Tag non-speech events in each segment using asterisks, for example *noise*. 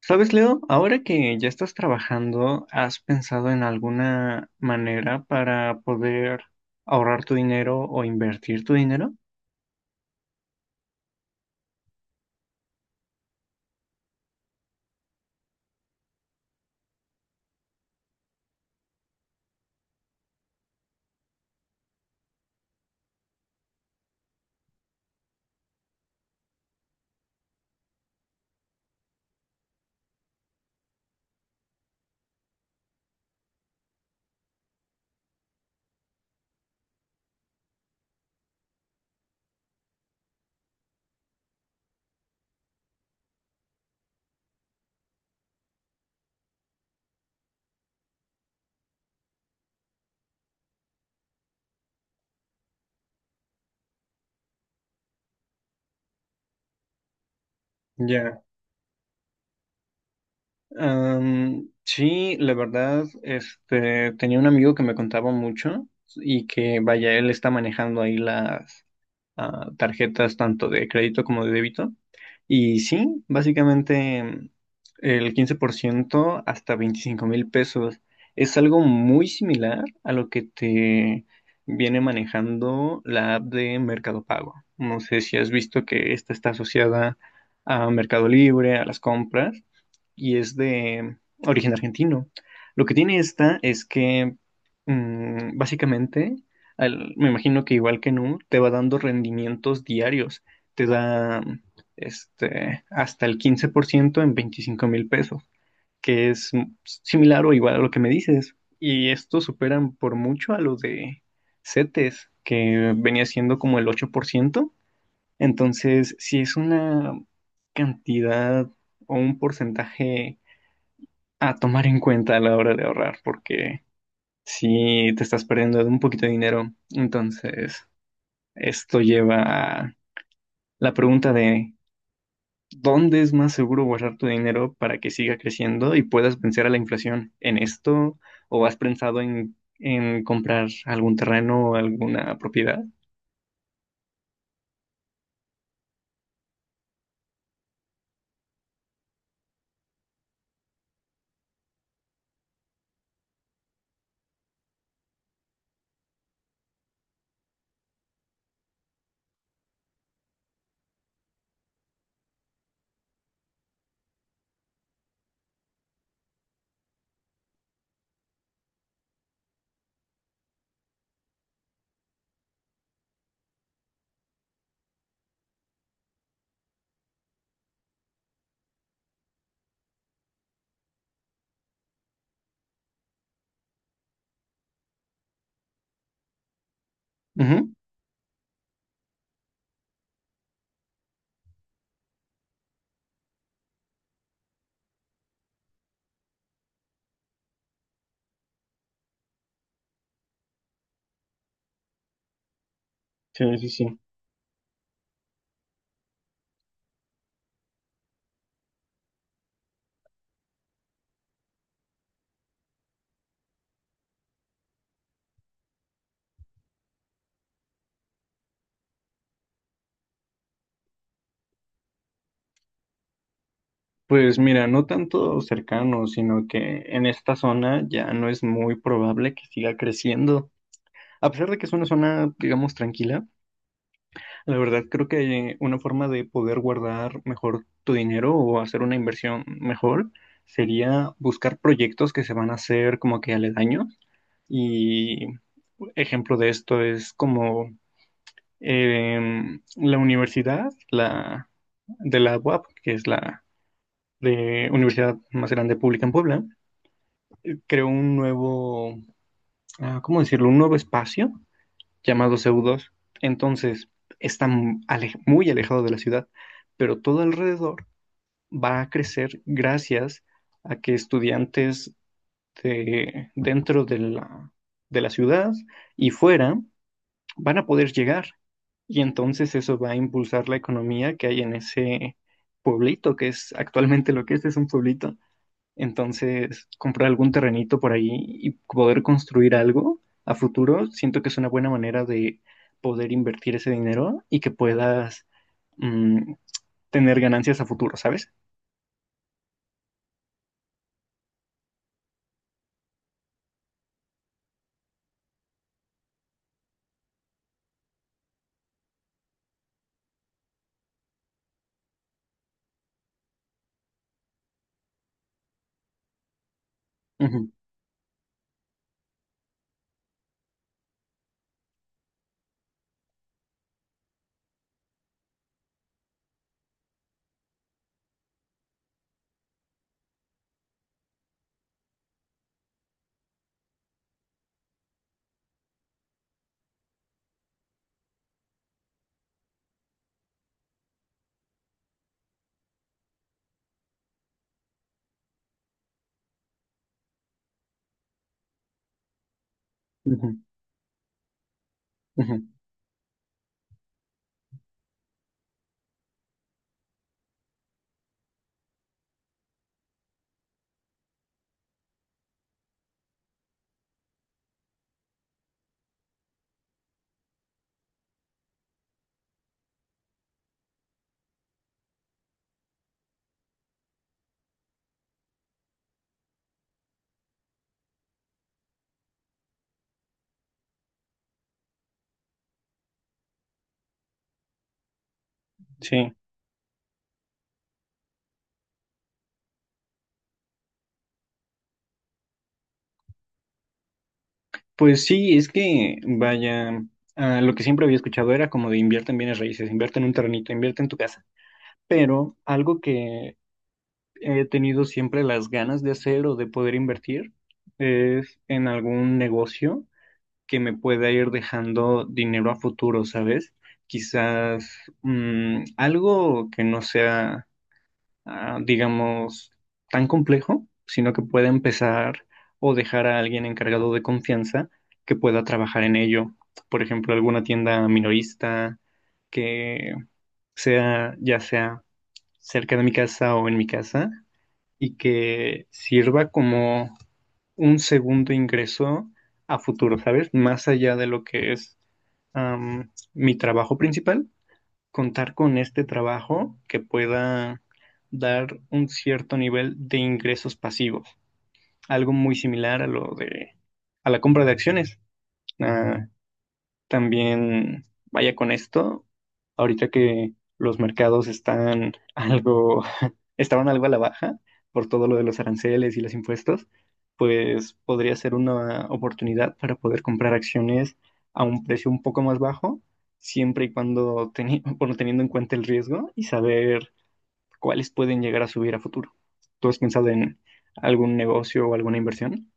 ¿Sabes, Leo? Ahora que ya estás trabajando, ¿has pensado en alguna manera para poder ahorrar tu dinero o invertir tu dinero? Ya. Sí, la verdad, este, tenía un amigo que me contaba mucho y que, vaya, él está manejando ahí las tarjetas tanto de crédito como de débito. Y sí, básicamente el 15% hasta 25,000 pesos es algo muy similar a lo que te viene manejando la app de Mercado Pago. No sé si has visto que esta está asociada a Mercado Libre, a las compras, y es de origen argentino. Lo que tiene esta es que básicamente, me imagino que igual que Nu, te va dando rendimientos diarios. Te da este, hasta el 15% en 25,000 pesos, que es similar o igual a lo que me dices. Y estos superan por mucho a los de CETES, que venía siendo como el 8%. Entonces, si es una cantidad o un porcentaje a tomar en cuenta a la hora de ahorrar, porque si te estás perdiendo de un poquito de dinero, entonces esto lleva a la pregunta de ¿dónde es más seguro guardar tu dinero para que siga creciendo y puedas vencer a la inflación? ¿En esto? ¿O has pensado en comprar algún terreno o alguna propiedad? Ujú. Sí, sí, sí. Pues mira, no tanto cercano, sino que en esta zona ya no es muy probable que siga creciendo. A pesar de que es una zona, digamos, tranquila. La verdad, creo que una forma de poder guardar mejor tu dinero o hacer una inversión mejor sería buscar proyectos que se van a hacer como que aledaños. Y ejemplo de esto es como la universidad, la de la UAP, que es la de universidad más grande pública en Puebla, creó un nuevo, ¿cómo decirlo? Un nuevo espacio llamados feudos. Entonces, está muy alejado de la ciudad, pero todo alrededor va a crecer gracias a que estudiantes dentro de la ciudad y fuera van a poder llegar. Y entonces eso va a impulsar la economía que hay en ese pueblito, que es actualmente lo que es un pueblito. Entonces, comprar algún terrenito por ahí y poder construir algo a futuro, siento que es una buena manera de poder invertir ese dinero y que puedas mm, tener ganancias a futuro, ¿sabes? Ujú, ujú, ujú. Sí, pues sí, es que, vaya, lo que siempre había escuchado era como de invierte en bienes raíces, invierte en un terrenito, invierte en tu casa. Pero algo que he tenido siempre las ganas de hacer o de poder invertir es en algún negocio que me pueda ir dejando dinero a futuro, ¿sabes? Quizás algo que no sea, digamos, tan complejo, sino que pueda empezar o dejar a alguien encargado de confianza que pueda trabajar en ello. Por ejemplo, alguna tienda minorista que sea, ya sea cerca de mi casa o en mi casa, y que sirva como un segundo ingreso a futuro, ¿sabes? Más allá de lo que es mi trabajo principal, contar con este trabajo que pueda dar un cierto nivel de ingresos pasivos, algo muy similar a lo de a la compra de acciones. Ah, También vaya con esto, ahorita que los mercados están *laughs* algo estaban algo a la baja por todo lo de los aranceles y los impuestos, pues podría ser una oportunidad para poder comprar acciones a un precio un poco más bajo, siempre y cuando *laughs* bueno, teniendo en cuenta el riesgo y saber cuáles pueden llegar a subir a futuro. ¿Tú has pensado en algún negocio o alguna inversión?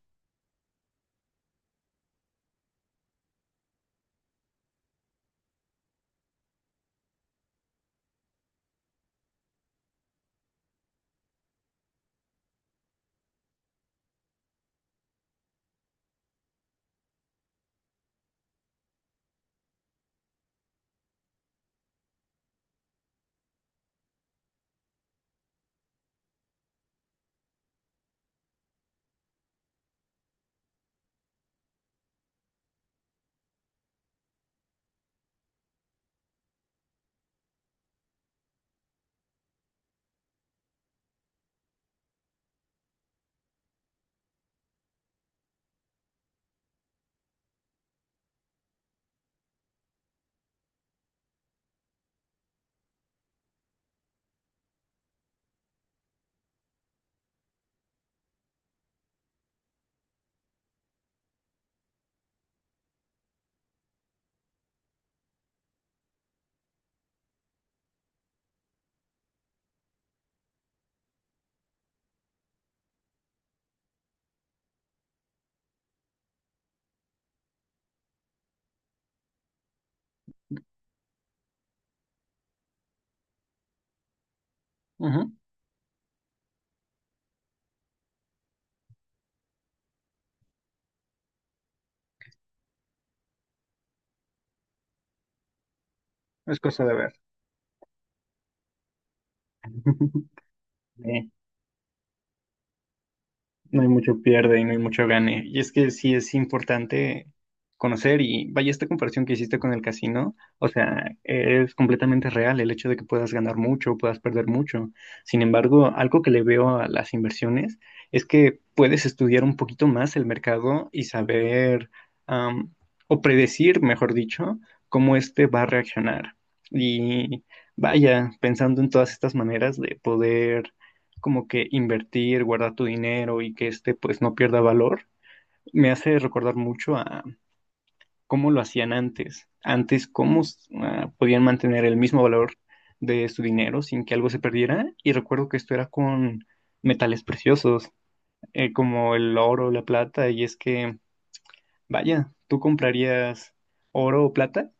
Ujú. Es cosa de ver. *laughs* Sí. No hay mucho pierde y no hay mucho gane. Y es que sí es importante conocer y vaya esta comparación que hiciste con el casino, o sea, es completamente real el hecho de que puedas ganar mucho, puedas perder mucho. Sin embargo, algo que le veo a las inversiones es que puedes estudiar un poquito más el mercado y saber am, o predecir, mejor dicho, cómo este va a reaccionar. Y vaya, pensando en todas estas maneras de poder como que invertir, guardar tu dinero y que este pues no pierda valor, me hace recordar mucho a cómo lo hacían antes. Antes, cómo podían mantener el mismo valor de su dinero sin que algo se perdiera. Y recuerdo que esto era con metales preciosos, como el oro, la plata, y es que, vaya, ¿tú comprarías oro o plata?